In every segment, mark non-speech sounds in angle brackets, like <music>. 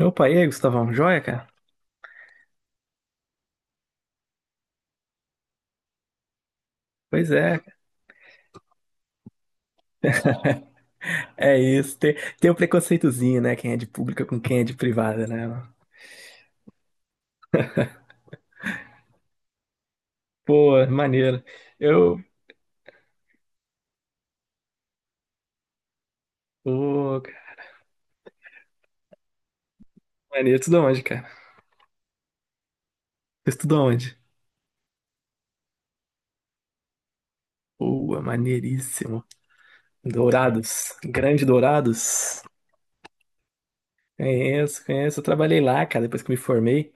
Opa, e aí, Gustavão? Joia, cara? Pois é, cara. <laughs> É isso. Tem o preconceitozinho, né? Quem é de pública com quem é de privada, né? Pô, maneiro. Eu. Pô, cara. Maneiro. Tudo onde, cara? Tu estudou onde? Pô, maneiríssimo. Dourados. Grande Dourados. Conheço, conheço. Eu trabalhei lá, cara, depois que me formei.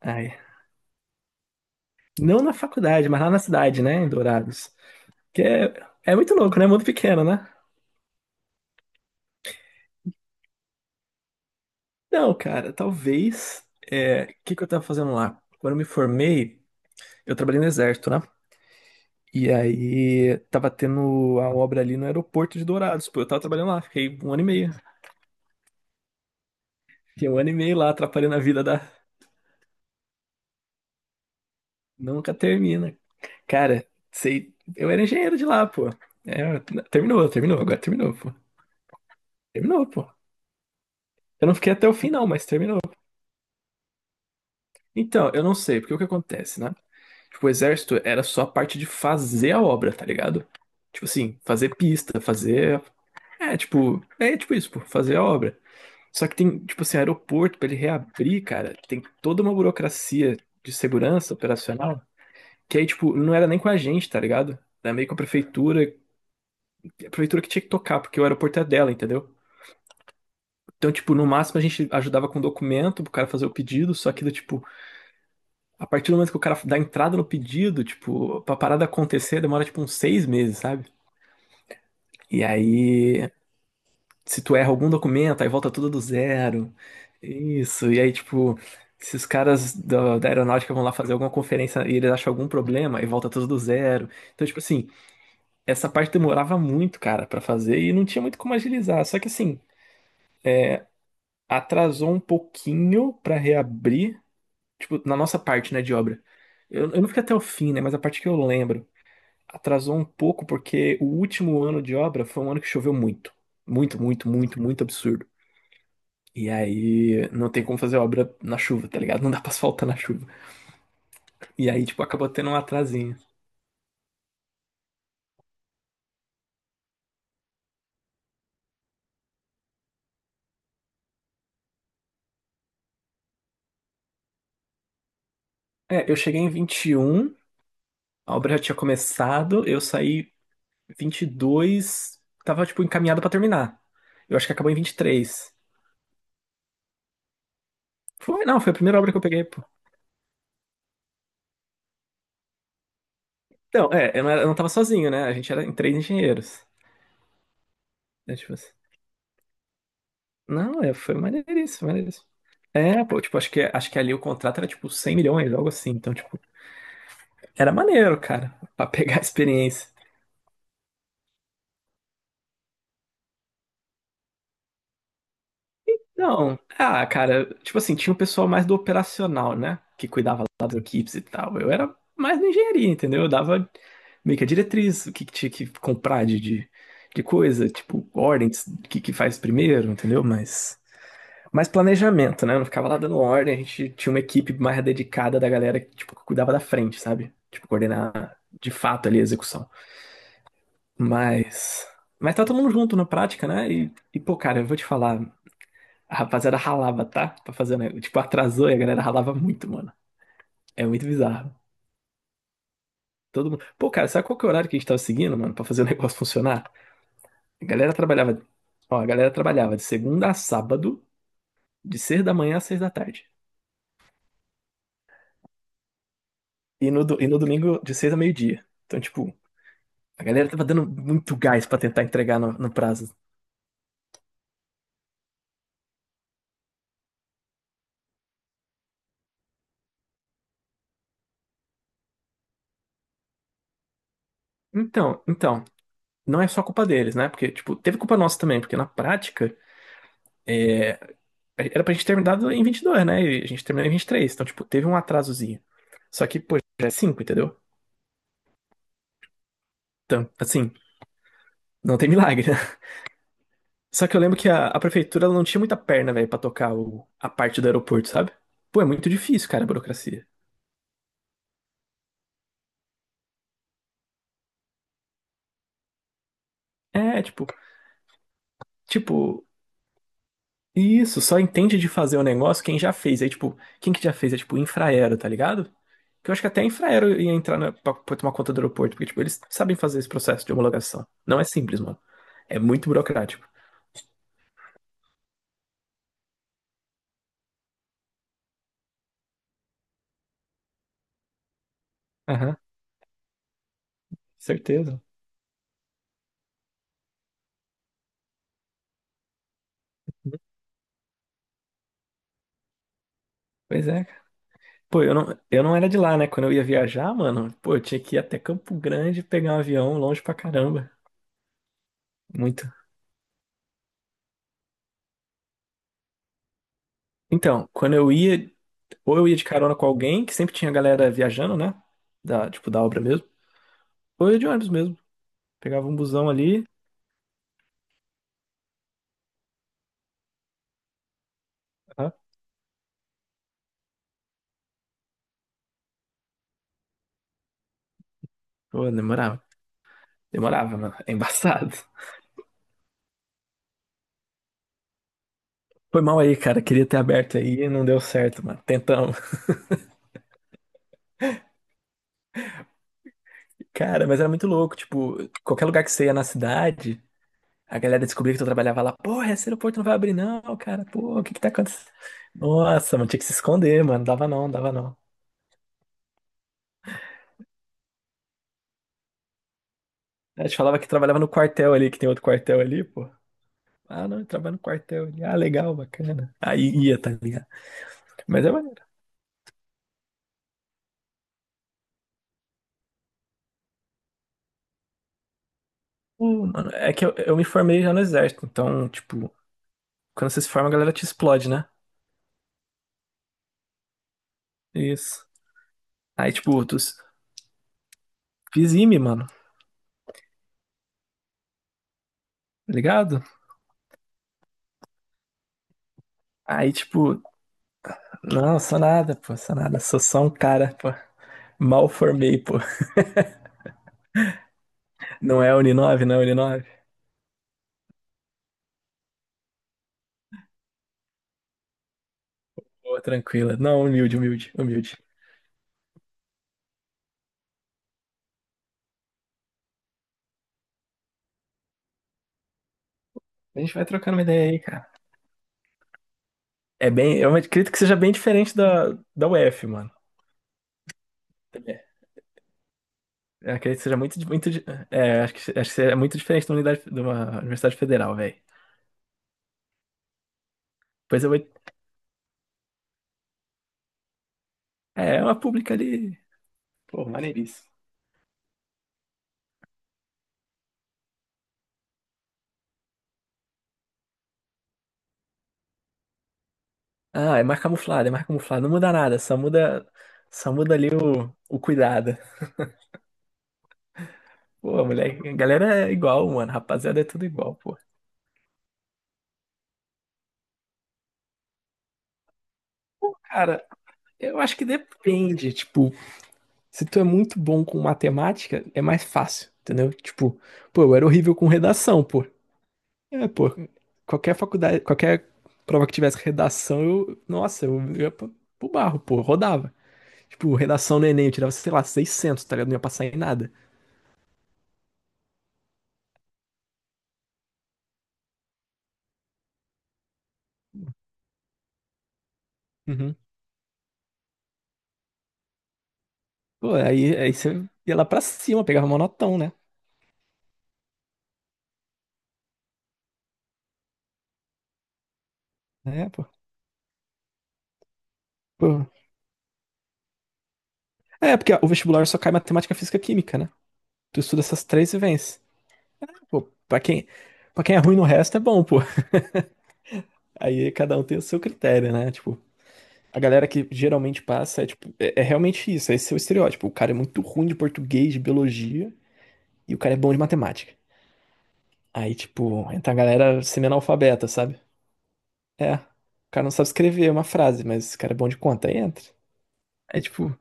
Ai. Não na faculdade, mas lá na cidade, né? Em Dourados. Que é muito louco, né? Mundo pequeno, né? Não, cara, talvez. É, o que que eu tava fazendo lá? Quando eu me formei, eu trabalhei no exército, né? E aí tava tendo a obra ali no aeroporto de Dourados. Pô, eu tava trabalhando lá, fiquei um ano e meio. Fiquei um ano e meio lá, atrapalhando a vida da. Nunca termina. Cara, sei. Eu era engenheiro de lá, pô. É, terminou, terminou, agora terminou, pô. Terminou, pô. Eu não fiquei até o fim, não, mas terminou. Então, eu não sei, porque o que acontece, né? Tipo, o exército era só a parte de fazer a obra, tá ligado? Tipo assim, fazer pista, fazer. É tipo isso, pô, fazer a obra. Só que tem, tipo assim, aeroporto pra ele reabrir, cara, tem toda uma burocracia de segurança operacional que aí, tipo, não era nem com a gente, tá ligado? Era meio com a prefeitura que tinha que tocar, porque o aeroporto é dela, entendeu? Então, tipo, no máximo a gente ajudava com documento pro cara fazer o pedido, só que, do tipo, a partir do momento que o cara dá entrada no pedido, tipo, pra parada acontecer demora, tipo, uns 6 meses, sabe? E aí, se tu erra algum documento, aí volta tudo do zero. Isso. E aí, tipo, se os caras da aeronáutica vão lá fazer alguma conferência e eles acham algum problema, aí volta tudo do zero. Então, tipo assim, essa parte demorava muito, cara, pra fazer e não tinha muito como agilizar. Só que assim, atrasou um pouquinho pra reabrir, tipo, na nossa parte, né, de obra. Eu não fiquei até o fim, né, mas a parte que eu lembro, atrasou um pouco porque o último ano de obra foi um ano que choveu muito. Muito, muito, muito, muito absurdo. E aí não tem como fazer obra na chuva, tá ligado? Não dá pra asfaltar na chuva. E aí, tipo, acabou tendo um atrasinho. É, eu cheguei em 21, a obra já tinha começado, eu saí 22, tava, tipo, encaminhado pra terminar. Eu acho que acabou em vinte e três. Foi, não, foi a primeira obra que eu peguei, pô. Não, é, eu não tava sozinho, né? A gente era em três engenheiros. É, tipo assim. Não, é, foi maneiríssimo, maneiríssimo. É, pô, tipo, acho que ali o contrato era, tipo, 100 milhões, algo assim. Então, tipo, era maneiro, cara, pra pegar a experiência. Não, ah, cara, tipo assim, tinha o pessoal mais do operacional, né? Que cuidava lá das equipes e tal. Eu era mais na engenharia, entendeu? Eu dava meio que a diretriz, o que, que tinha que comprar de coisa, tipo, ordens, o que, que faz primeiro, entendeu? Mas mais planejamento, né? Eu não ficava lá dando ordem, a gente tinha uma equipe mais dedicada da galera que, tipo, que cuidava da frente, sabe? Tipo, coordenar de fato ali a execução. Mas. Mas tá todo mundo junto na prática, né? E pô, cara, eu vou te falar. A rapaziada ralava, tá? Pra fazer, né? Tipo, atrasou e a galera ralava muito, mano. É muito bizarro. Todo mundo. Pô, cara, sabe qual que é o horário que a gente tava seguindo, mano, pra fazer o <laughs> negócio funcionar? A galera trabalhava. Ó, a galera trabalhava de segunda a sábado, de 6 da manhã a 6 da tarde. E no domingo, de 6 a meio-dia. Então, tipo, a galera tava dando muito gás pra tentar entregar no prazo. Então, não é só culpa deles, né? Porque, tipo, teve culpa nossa também, porque na prática, era pra gente ter terminado em 22, né? E a gente terminou em vinte e três. Então, tipo, teve um atrasozinho. Só que, pô, já é 5, entendeu? Então, assim, não tem milagre, né? Só que eu lembro que a prefeitura ela não tinha muita perna, velho, pra tocar a parte do aeroporto, sabe? Pô, é muito difícil, cara, a burocracia. É, tipo, isso, só entende de fazer o negócio quem já fez. Aí, tipo, quem que já fez? É, tipo, Infraero, tá ligado? Que eu acho que até a Infraero ia entrar pra tomar conta do aeroporto, porque, tipo, eles sabem fazer esse processo de homologação. Não é simples, mano. É muito burocrático. Certeza. Pois é, cara. Pô, eu não era de lá, né? Quando eu ia viajar, mano, pô, eu tinha que ir até Campo Grande pegar um avião longe pra caramba. Muito. Então, ou eu ia de carona com alguém, que sempre tinha galera viajando, né? Da, tipo, da obra mesmo. Ou eu ia de ônibus mesmo. Pegava um busão ali. ah, Pô, demorava. Demorava, mano. É embaçado. Foi mal aí, cara. Queria ter aberto aí e não deu certo, mano. Tentamos. Cara, mas era muito louco. Tipo, qualquer lugar que você ia na cidade. A galera descobriu que tu trabalhava lá. Porra, esse aeroporto não vai abrir não, cara. Pô, o que que tá acontecendo? Nossa, mano, tinha que se esconder, mano. Dava não, dava não. A gente falava que trabalhava no quartel ali, que tem outro quartel ali, pô. Ah, não, eu trabalho no quartel ali. Ah, legal, bacana. Aí ia, tá ligado? Mas é maneiro. Pô, mano, é que eu me formei já no exército, então, tipo, quando você se forma, a galera te explode, né? Isso. Aí, tipo, fiz IME, mano, tá ligado? Aí, tipo, não, sou nada, pô, sou nada, sou só um cara, pô. Mal formei, pô. Não é a Uninove, não é a Uninove? Boa, tranquila. Não, humilde, humilde, humilde. A gente vai trocando uma ideia aí, cara. É bem, eu acredito que seja bem diferente da UF, mano. É, eu acredito que seja é, acho que é muito diferente da unidade, de uma Universidade Federal, velho. Pois eu vou, é uma pública ali. Pô, maneiríssimo. Ah, é mais camuflado, é mais camuflado. Não muda nada, só muda ali o cuidado. Pô, moleque, a galera é igual, mano. Rapaziada, é tudo igual, pô. Pô, cara, eu acho que depende, tipo. Se tu é muito bom com matemática, é mais fácil, entendeu? Tipo, pô, eu era horrível com redação, pô. É, pô, qualquer faculdade, qualquer prova que tivesse redação, nossa, eu ia pro barro, pô, rodava. Tipo, redação no Enem, eu tirava, sei lá, 600, tá ligado? Não ia passar em nada. Uhum. Pô, aí você ia lá pra cima, pegava monotão, né? É, pô. Pô. É, porque o vestibular só cai matemática, física, química, né? Tu estuda essas três e vence. Pô, pra quem é ruim no resto, é bom, pô. Aí cada um tem o seu critério, né? Tipo, a galera que geralmente passa é realmente isso, esse é o estereótipo. O cara é muito ruim de português, de biologia, e o cara é bom de matemática. Aí, tipo, entra a galera semi-analfabeta, sabe? É, o cara não sabe escrever uma frase, mas esse cara é bom de conta, aí entra. É tipo,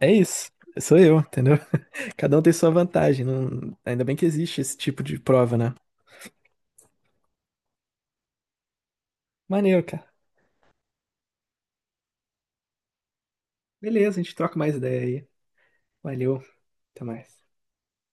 é isso. Sou eu, entendeu? <laughs> Cada um tem sua vantagem. Ainda bem que existe esse tipo de prova, né? Maneiro, cara. Beleza, a gente troca mais ideia aí. Valeu, até mais.